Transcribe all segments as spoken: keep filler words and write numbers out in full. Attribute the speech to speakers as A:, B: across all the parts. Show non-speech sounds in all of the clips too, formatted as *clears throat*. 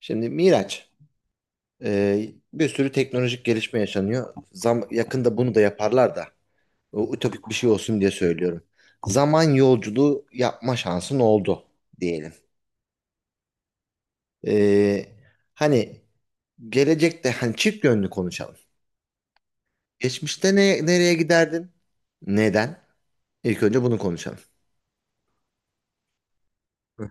A: Şimdi Miraç, e, bir sürü teknolojik gelişme yaşanıyor. Zam yakında bunu da yaparlar da. O ütopik bir şey olsun diye söylüyorum. Zaman yolculuğu yapma şansın oldu diyelim. E, hani gelecekte hani çift yönlü konuşalım. Geçmişte ne, nereye giderdin? Neden? İlk önce bunu konuşalım. Hı.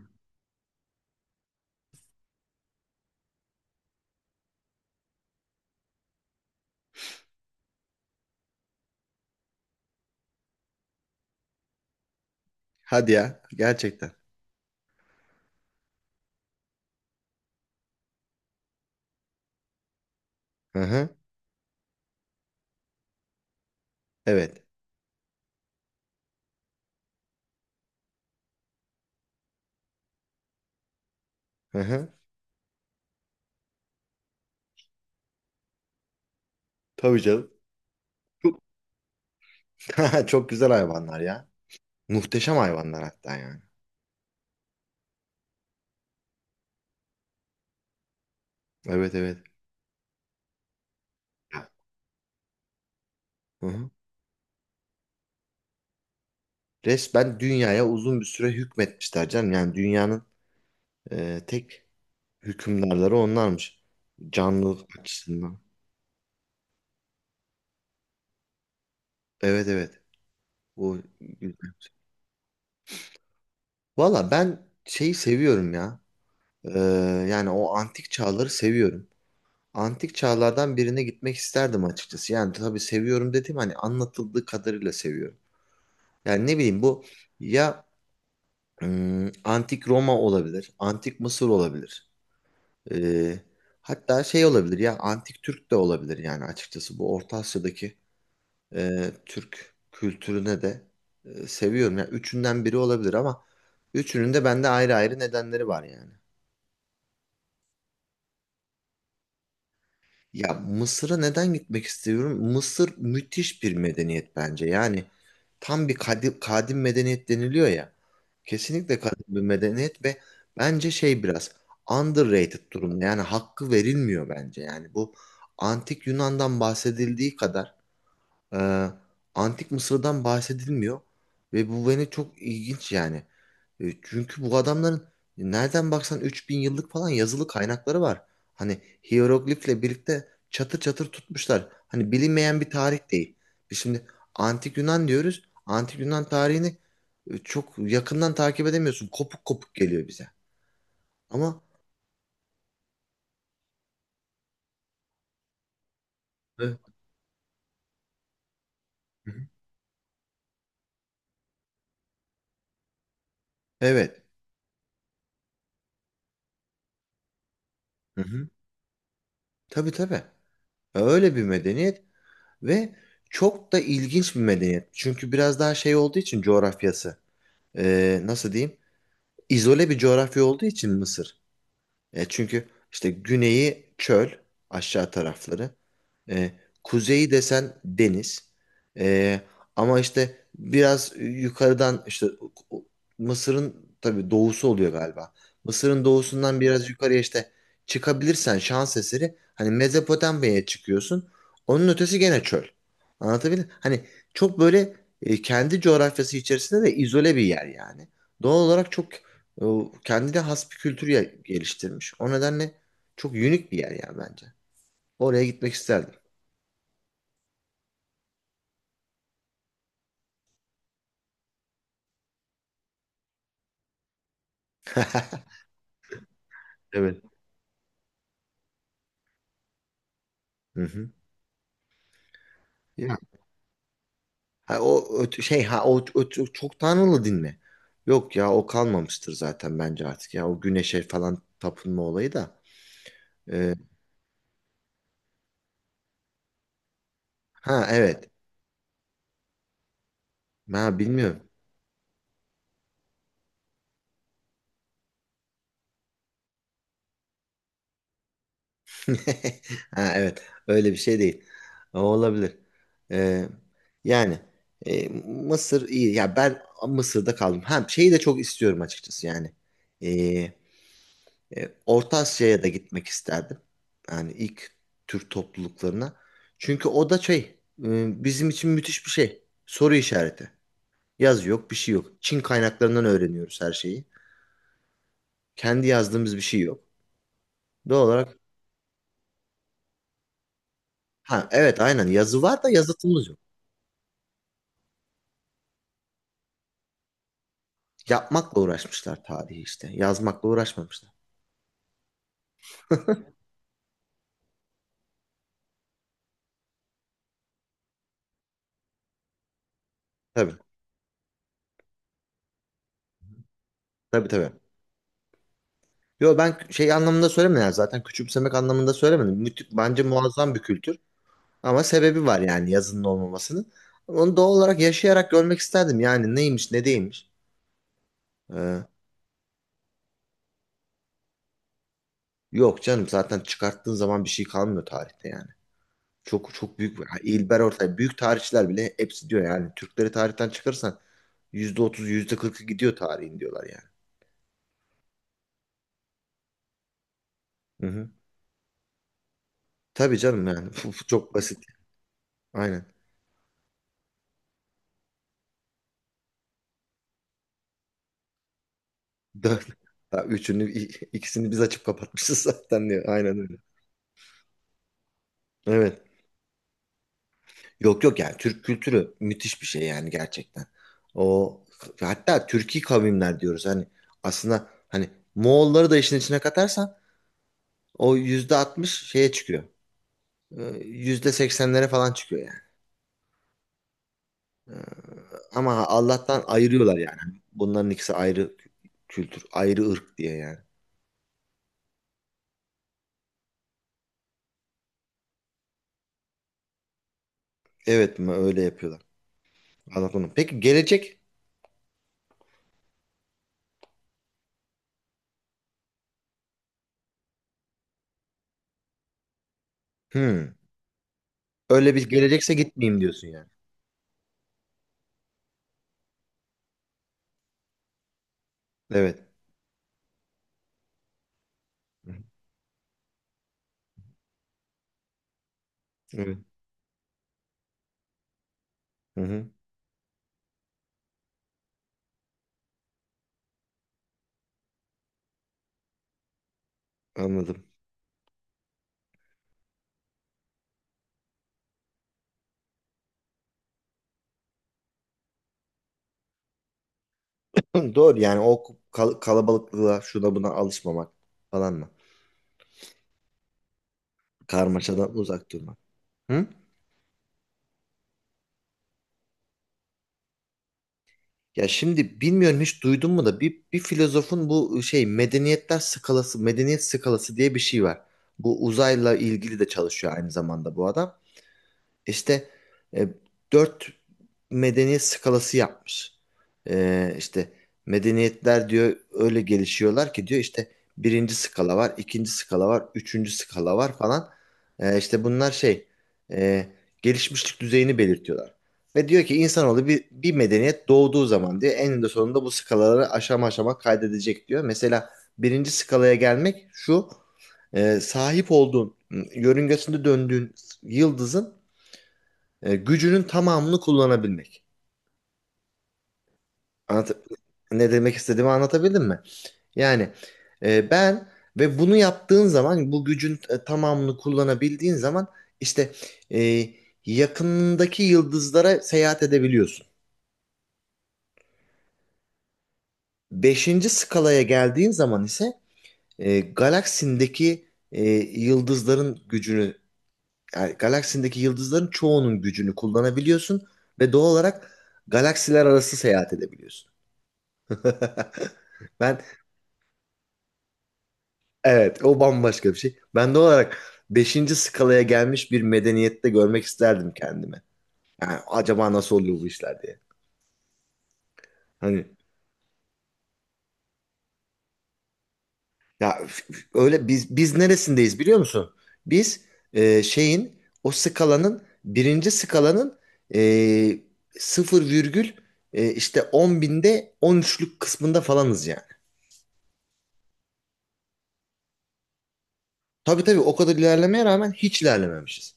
A: Hadi ya, gerçekten. Hı hı. Evet. Hı hı. Tabii canım. Çok *laughs* Çok güzel hayvanlar ya. Muhteşem hayvanlar hatta yani. Evet evet. Hı hı. Resmen dünyaya uzun bir süre hükmetmişler canım. Yani dünyanın e, tek hükümdarları onlarmış. Canlılık açısından. Evet evet. O güzel. Valla ben şeyi seviyorum ya. Ee, yani o antik çağları seviyorum. Antik çağlardan birine gitmek isterdim açıkçası. Yani tabii seviyorum dediğim hani anlatıldığı kadarıyla seviyorum. Yani ne bileyim bu ya ım, antik Roma olabilir, antik Mısır olabilir. Ee, hatta şey olabilir ya antik Türk de olabilir yani açıkçası bu Orta Asya'daki e, Türk kültürüne de e, seviyorum. Yani üçünden biri olabilir ama üçünün de bende ayrı ayrı nedenleri var yani. Ya Mısır'a neden gitmek istiyorum? Mısır müthiş bir medeniyet bence. Yani tam bir kadim, kadim medeniyet deniliyor ya. Kesinlikle kadim bir medeniyet ve bence şey biraz underrated durumda. Yani hakkı verilmiyor bence. Yani bu antik Yunan'dan bahsedildiği kadar ee, Antik Mısır'dan bahsedilmiyor ve bu beni çok ilginç yani. E, Çünkü bu adamların nereden baksan üç bin yıllık falan yazılı kaynakları var. Hani hiyeroglifle birlikte çatır çatır tutmuşlar. Hani bilinmeyen bir tarih değil. Biz şimdi Antik Yunan diyoruz. Antik Yunan tarihini e, çok yakından takip edemiyorsun. Kopuk kopuk geliyor bize. Ama Evet. Hı hı. Evet. Hı hı. Tabii tabii. Öyle bir medeniyet. Ve çok da ilginç bir medeniyet. Çünkü biraz daha şey olduğu için coğrafyası. e, nasıl diyeyim? İzole bir coğrafya olduğu için Mısır. E, çünkü işte güneyi çöl aşağı tarafları. E, kuzeyi desen deniz. E, ama işte biraz yukarıdan işte Mısır'ın tabii doğusu oluyor galiba. Mısır'ın doğusundan biraz yukarıya işte çıkabilirsen şans eseri hani Mezopotamya'ya çıkıyorsun. Onun ötesi gene çöl. Anlatabildim? Hani çok böyle e, kendi coğrafyası içerisinde de izole bir yer yani. Doğal olarak çok e, kendine has bir kültür ya- geliştirmiş. O nedenle çok unik bir yer yani bence. Oraya gitmek isterdim. *laughs* Evet. Hı hı. Ya, ha, o öt- şey, ha, o, o çok çok tanrılı din mi? Yok ya o kalmamıştır zaten bence artık ya o güneşe falan tapınma olayı da. Ee, ha evet. Ha bilmiyorum. *laughs* Ha evet. Öyle bir şey değil. O olabilir. Ee, yani e, Mısır iyi. Ya ben Mısır'da kaldım. Ha şeyi de çok istiyorum açıkçası yani. Ee, E, Orta Asya'ya da gitmek isterdim. Yani ilk Türk topluluklarına. Çünkü o da şey, e, bizim için müthiş bir şey. Soru işareti. Yazı yok, bir şey yok. Çin kaynaklarından öğreniyoruz her şeyi. Kendi yazdığımız bir şey yok. Doğal olarak, ha evet aynen yazı var da yazıtımız yok. Yapmakla uğraşmışlar tarihi işte. Yazmakla uğraşmamışlar. Tabii, tabii tabii. Yo ben şey anlamında söylemedim yani zaten küçümsemek anlamında söylemedim. Müthi- bence muazzam bir kültür. Ama sebebi var yani yazının olmamasının. Onu doğal olarak yaşayarak görmek isterdim. Yani neymiş ne değilmiş. Ee, Yok canım zaten çıkarttığın zaman bir şey kalmıyor tarihte yani. Çok çok büyük. Ha, İlber Ortay büyük tarihçiler bile hepsi diyor yani. Türkleri tarihten çıkarırsan yüzde %40'ı gidiyor tarihin diyorlar yani. Hı hı. Tabii canım yani. *laughs* Bu çok basit. Aynen. *laughs* Dört. Ha, Üçünü i- ikisini biz açıp kapatmışız *laughs* zaten diyor. Aynen öyle. Evet. Yok yok yani Türk kültürü müthiş bir şey yani gerçekten. O hatta Türki kavimler diyoruz hani aslında hani Moğolları da işin içine katarsan o yüzde altmış şeye çıkıyor. Ee, Yüzde seksenlere falan çıkıyor yani. Ama Allah'tan ayırıyorlar yani. Bunların ikisi ayrı kültür, ayrı ırk diye yani. Evet mi öyle yapıyorlar. Anladım. Peki gelecek? Hmm. Öyle bir gelecekse gitmeyeyim diyorsun yani. Evet. Hı hı. Evet. Hı hı. Anladım. *clears throat* Hı, doğru yani o kal- kalabalıklığa şuna buna alışmamak falan mı? Karmaşadan uzak durmak. Hı? Ya şimdi bilmiyorum hiç duydun mu da bir, bir filozofun bu şey medeniyetler skalası, medeniyet skalası diye bir şey var. Bu uzayla ilgili de çalışıyor aynı zamanda bu adam. İşte e, dört medeniyet skalası yapmış. E, işte medeniyetler diyor öyle gelişiyorlar ki diyor işte birinci skala var, ikinci skala var, üçüncü skala var falan. E, işte bunlar şey e, gelişmişlik düzeyini belirtiyorlar. Ve diyor ki insanoğlu bir, bir medeniyet doğduğu zaman diyor eninde sonunda bu skalaları aşama aşama kaydedecek diyor. Mesela birinci skalaya gelmek şu e, sahip olduğun, ıı, yörüngesinde döndüğün yıldızın e, gücünün tamamını kullanabilmek. Anlat Ne demek istediğimi anlatabildim mi? Yani e, ben ve bunu yaptığın zaman bu gücün e, tamamını kullanabildiğin zaman işte e, yakındaki yıldızlara seyahat edebiliyorsun. Beşinci skalaya geldiğin zaman ise e, galaksindeki e, yıldızların gücünü yani galaksindeki yıldızların çoğunun gücünü kullanabiliyorsun ve doğal olarak galaksiler arası seyahat edebiliyorsun. *laughs* Ben Evet, o bambaşka bir şey. Ben de olarak beşinci skalaya gelmiş bir medeniyette görmek isterdim kendimi. Yani acaba nasıl oluyor bu işler diye. Hani ya f- f- öyle biz biz neresindeyiz biliyor musun? Biz e, şeyin o skalanın birinci skalanın e, sıfır virgül e, işte on binde on üçlük kısmında falanız yani. Tabii tabii o kadar ilerlemeye rağmen hiç ilerlememişiz.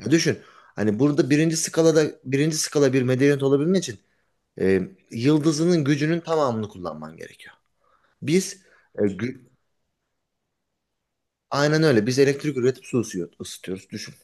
A: Ya düşün hani burada birinci skalada birinci skala bir medeniyet olabilmek için e, yıldızının gücünün tamamını kullanman gerekiyor. Biz e, gü- aynen öyle. Biz elektrik üretip su ısıyor- ısıtıyoruz. Düşün.